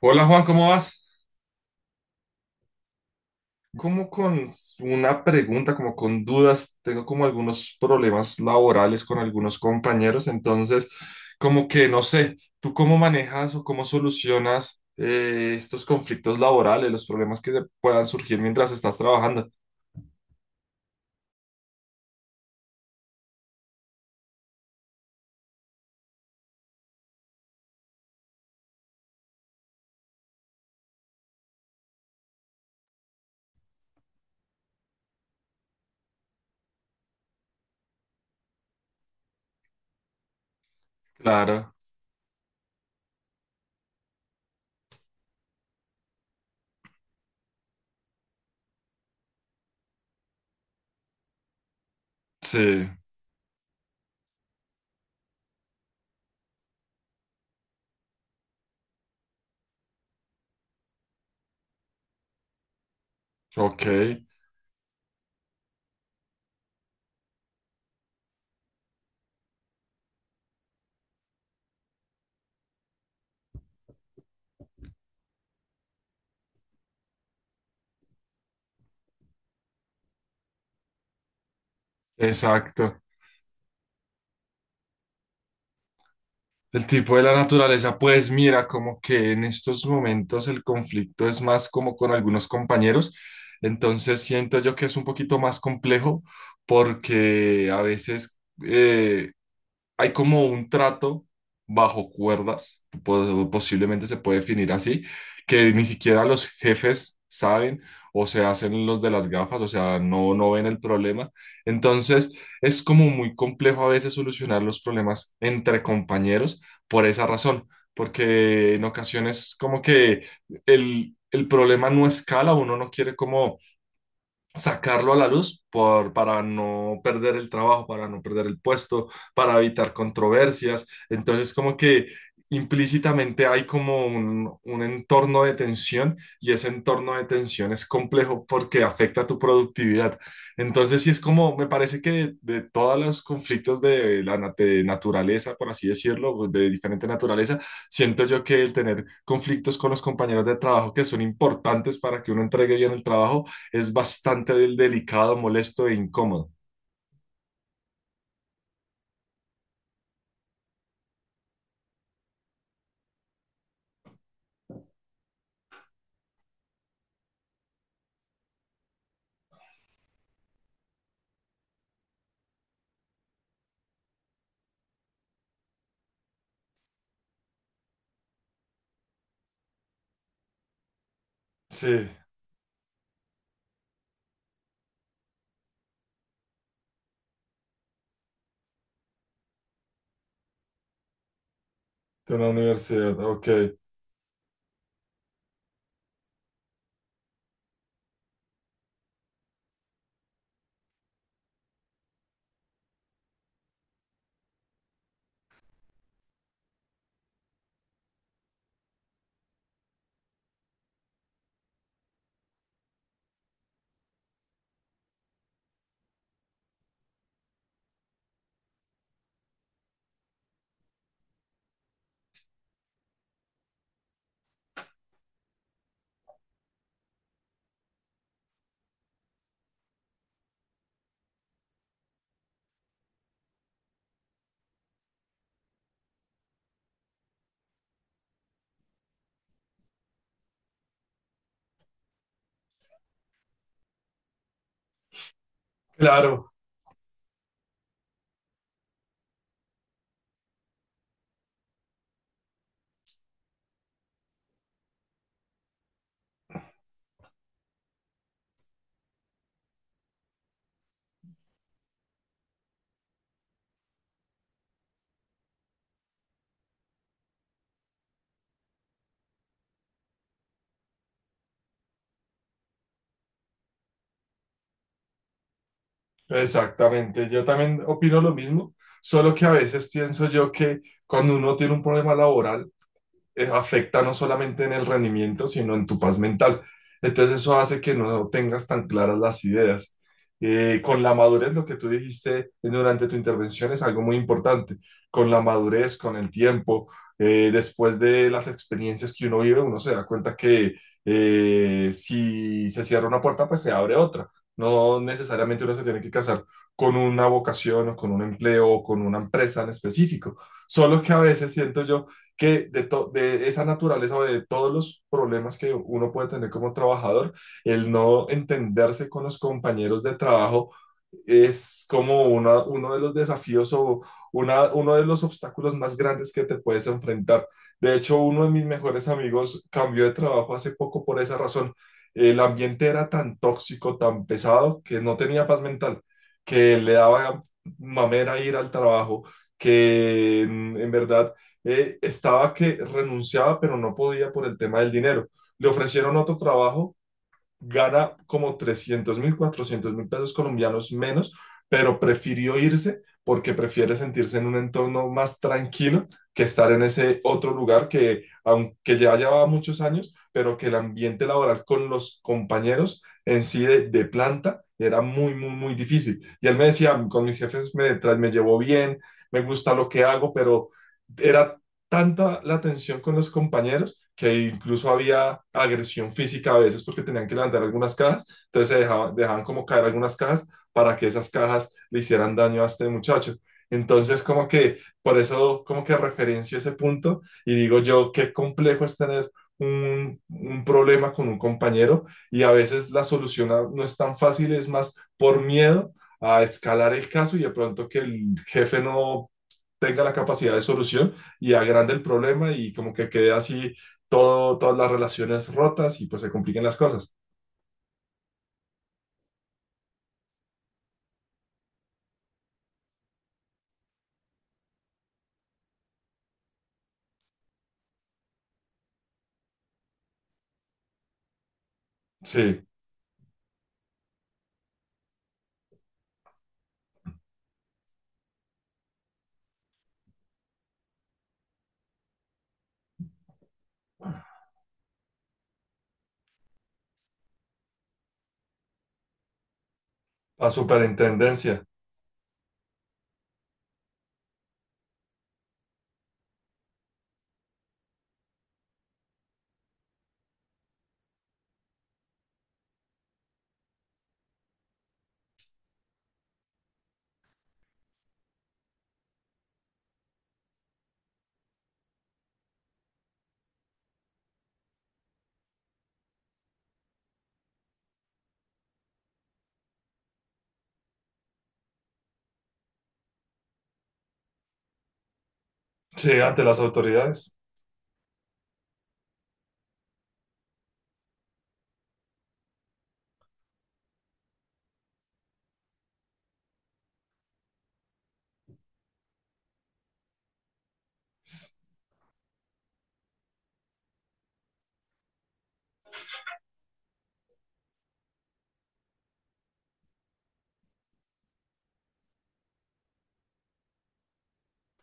Hola Juan, ¿cómo vas? Como con una pregunta, como con dudas, tengo como algunos problemas laborales con algunos compañeros, entonces como que no sé, ¿tú cómo manejas o cómo solucionas estos conflictos laborales, los problemas que puedan surgir mientras estás trabajando? Claro, sí, ok, exacto. El tipo de la naturaleza, pues mira, como que en estos momentos el conflicto es más como con algunos compañeros, entonces siento yo que es un poquito más complejo porque a veces hay como un trato bajo cuerdas, posiblemente se puede definir así, que ni siquiera los jefes saben o se hacen los de las gafas, o sea, no, no ven el problema. Entonces, es como muy complejo a veces solucionar los problemas entre compañeros por esa razón, porque en ocasiones como que el problema no escala, uno no quiere como sacarlo a la luz por, para no perder el trabajo, para no perder el puesto, para evitar controversias. Entonces, como que implícitamente hay como un entorno de tensión y ese entorno de tensión es complejo porque afecta a tu productividad. Entonces, sí es como, me parece que de todos los conflictos de la de naturaleza, por así decirlo, de diferente naturaleza, siento yo que el tener conflictos con los compañeros de trabajo que son importantes para que uno entregue bien el trabajo, es bastante delicado, molesto e incómodo. Sí, de una universidad, ok. Claro, exactamente. Yo también opino lo mismo, solo que a veces pienso yo que cuando uno tiene un problema laboral, afecta no solamente en el rendimiento, sino en tu paz mental. Entonces eso hace que no tengas tan claras las ideas. Con la madurez, lo que tú dijiste durante tu intervención es algo muy importante. Con la madurez, con el tiempo, después de las experiencias que uno vive, uno se da cuenta que si se cierra una puerta, pues se abre otra. No necesariamente uno se tiene que casar con una vocación o con un empleo o con una empresa en específico. Solo que a veces siento yo que de, de esa naturaleza o de todos los problemas que uno puede tener como trabajador, el no entenderse con los compañeros de trabajo es como uno de los desafíos o una, uno de los obstáculos más grandes que te puedes enfrentar. De hecho, uno de mis mejores amigos cambió de trabajo hace poco por esa razón. El ambiente era tan tóxico, tan pesado, que no tenía paz mental, que le daba mamera ir al trabajo, que en verdad estaba que renunciaba, pero no podía por el tema del dinero. Le ofrecieron otro trabajo, gana como 300 mil, 400 mil pesos colombianos menos, pero prefirió irse porque prefiere sentirse en un entorno más tranquilo que estar en ese otro lugar que, aunque ya llevaba muchos años, pero que el ambiente laboral con los compañeros en sí de planta era muy, muy, muy difícil. Y él me decía, con mis jefes me, me llevo bien, me gusta lo que hago, pero era tanta la tensión con los compañeros que incluso había agresión física a veces porque tenían que levantar algunas cajas, entonces se dejaban, dejaban como caer algunas cajas para que esas cajas le hicieran daño a este muchacho. Entonces, como que por eso, como que referencio ese punto y digo yo, qué complejo es tener un problema con un compañero y a veces la solución no es tan fácil, es más por miedo a escalar el caso y de pronto que el jefe no tenga la capacidad de solución y agranda el problema y como que quede así todo, todas las relaciones rotas y pues se compliquen las cosas. Sí, a superintendencia. Sí, ante las autoridades.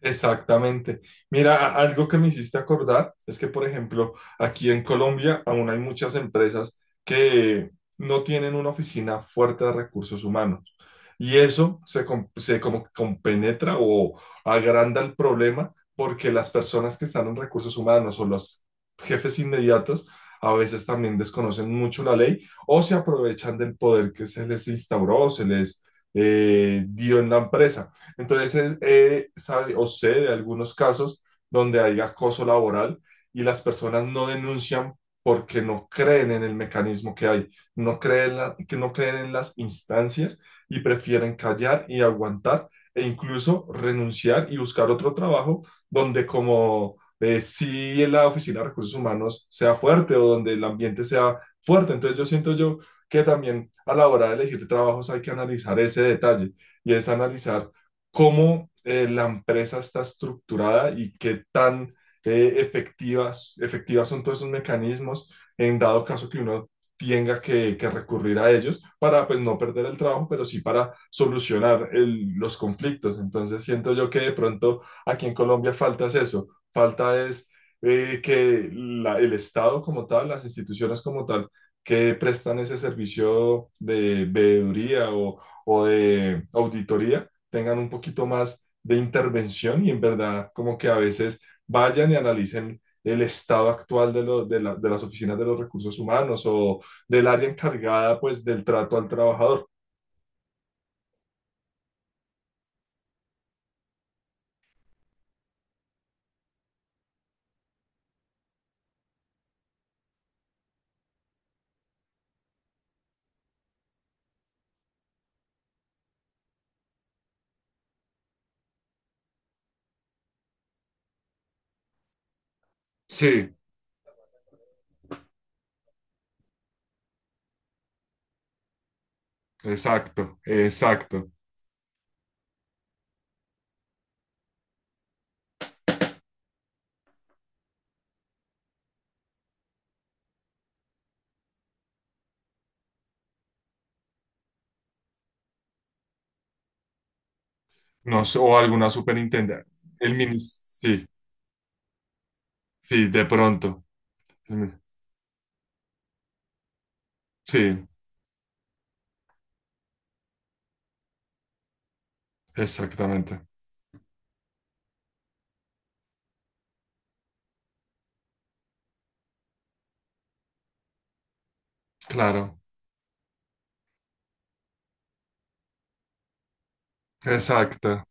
Exactamente. Mira, algo que me hiciste acordar es que, por ejemplo, aquí en Colombia aún hay muchas empresas que no tienen una oficina fuerte de recursos humanos. Y eso se, se como compenetra o agranda el problema porque las personas que están en recursos humanos o los jefes inmediatos a veces también desconocen mucho la ley o se aprovechan del poder que se les instauró o se les dio en la empresa. Entonces, sabe o sé de algunos casos donde hay acoso laboral y las personas no denuncian porque no creen en el mecanismo que hay, no creen, que no creen en las instancias y prefieren callar y aguantar e incluso renunciar y buscar otro trabajo donde como si la Oficina de Recursos Humanos sea fuerte o donde el ambiente sea fuerte. Entonces yo siento yo que también a la hora de elegir trabajos hay que analizar ese detalle y es analizar cómo la empresa está estructurada y qué tan efectivas son todos esos mecanismos en dado caso que uno tenga que recurrir a ellos para pues no perder el trabajo, pero sí para solucionar los conflictos. Entonces siento yo que de pronto aquí en Colombia falta es eso, falta es que el Estado como tal, las instituciones como tal, que prestan ese servicio de veeduría o de auditoría, tengan un poquito más de intervención y en verdad como que a veces vayan y analicen el estado actual de, de de las oficinas de los recursos humanos o del área encargada pues del trato al trabajador. Sí, exacto, exacto. No sé, o alguna superintendente. El ministro, sí, sí, de pronto. El min- Sí, exactamente. Claro, exacto.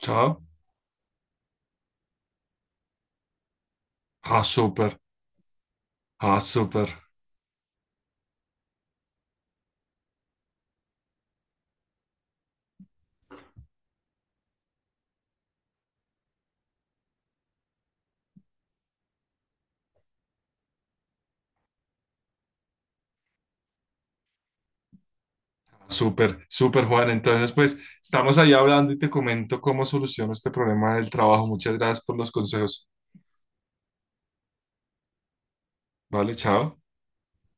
Chao. Ah, súper, ah, súper. Súper, súper, Juan. Entonces, pues estamos ahí hablando y te comento cómo soluciono este problema del trabajo. Muchas gracias por los consejos. Vale, chao.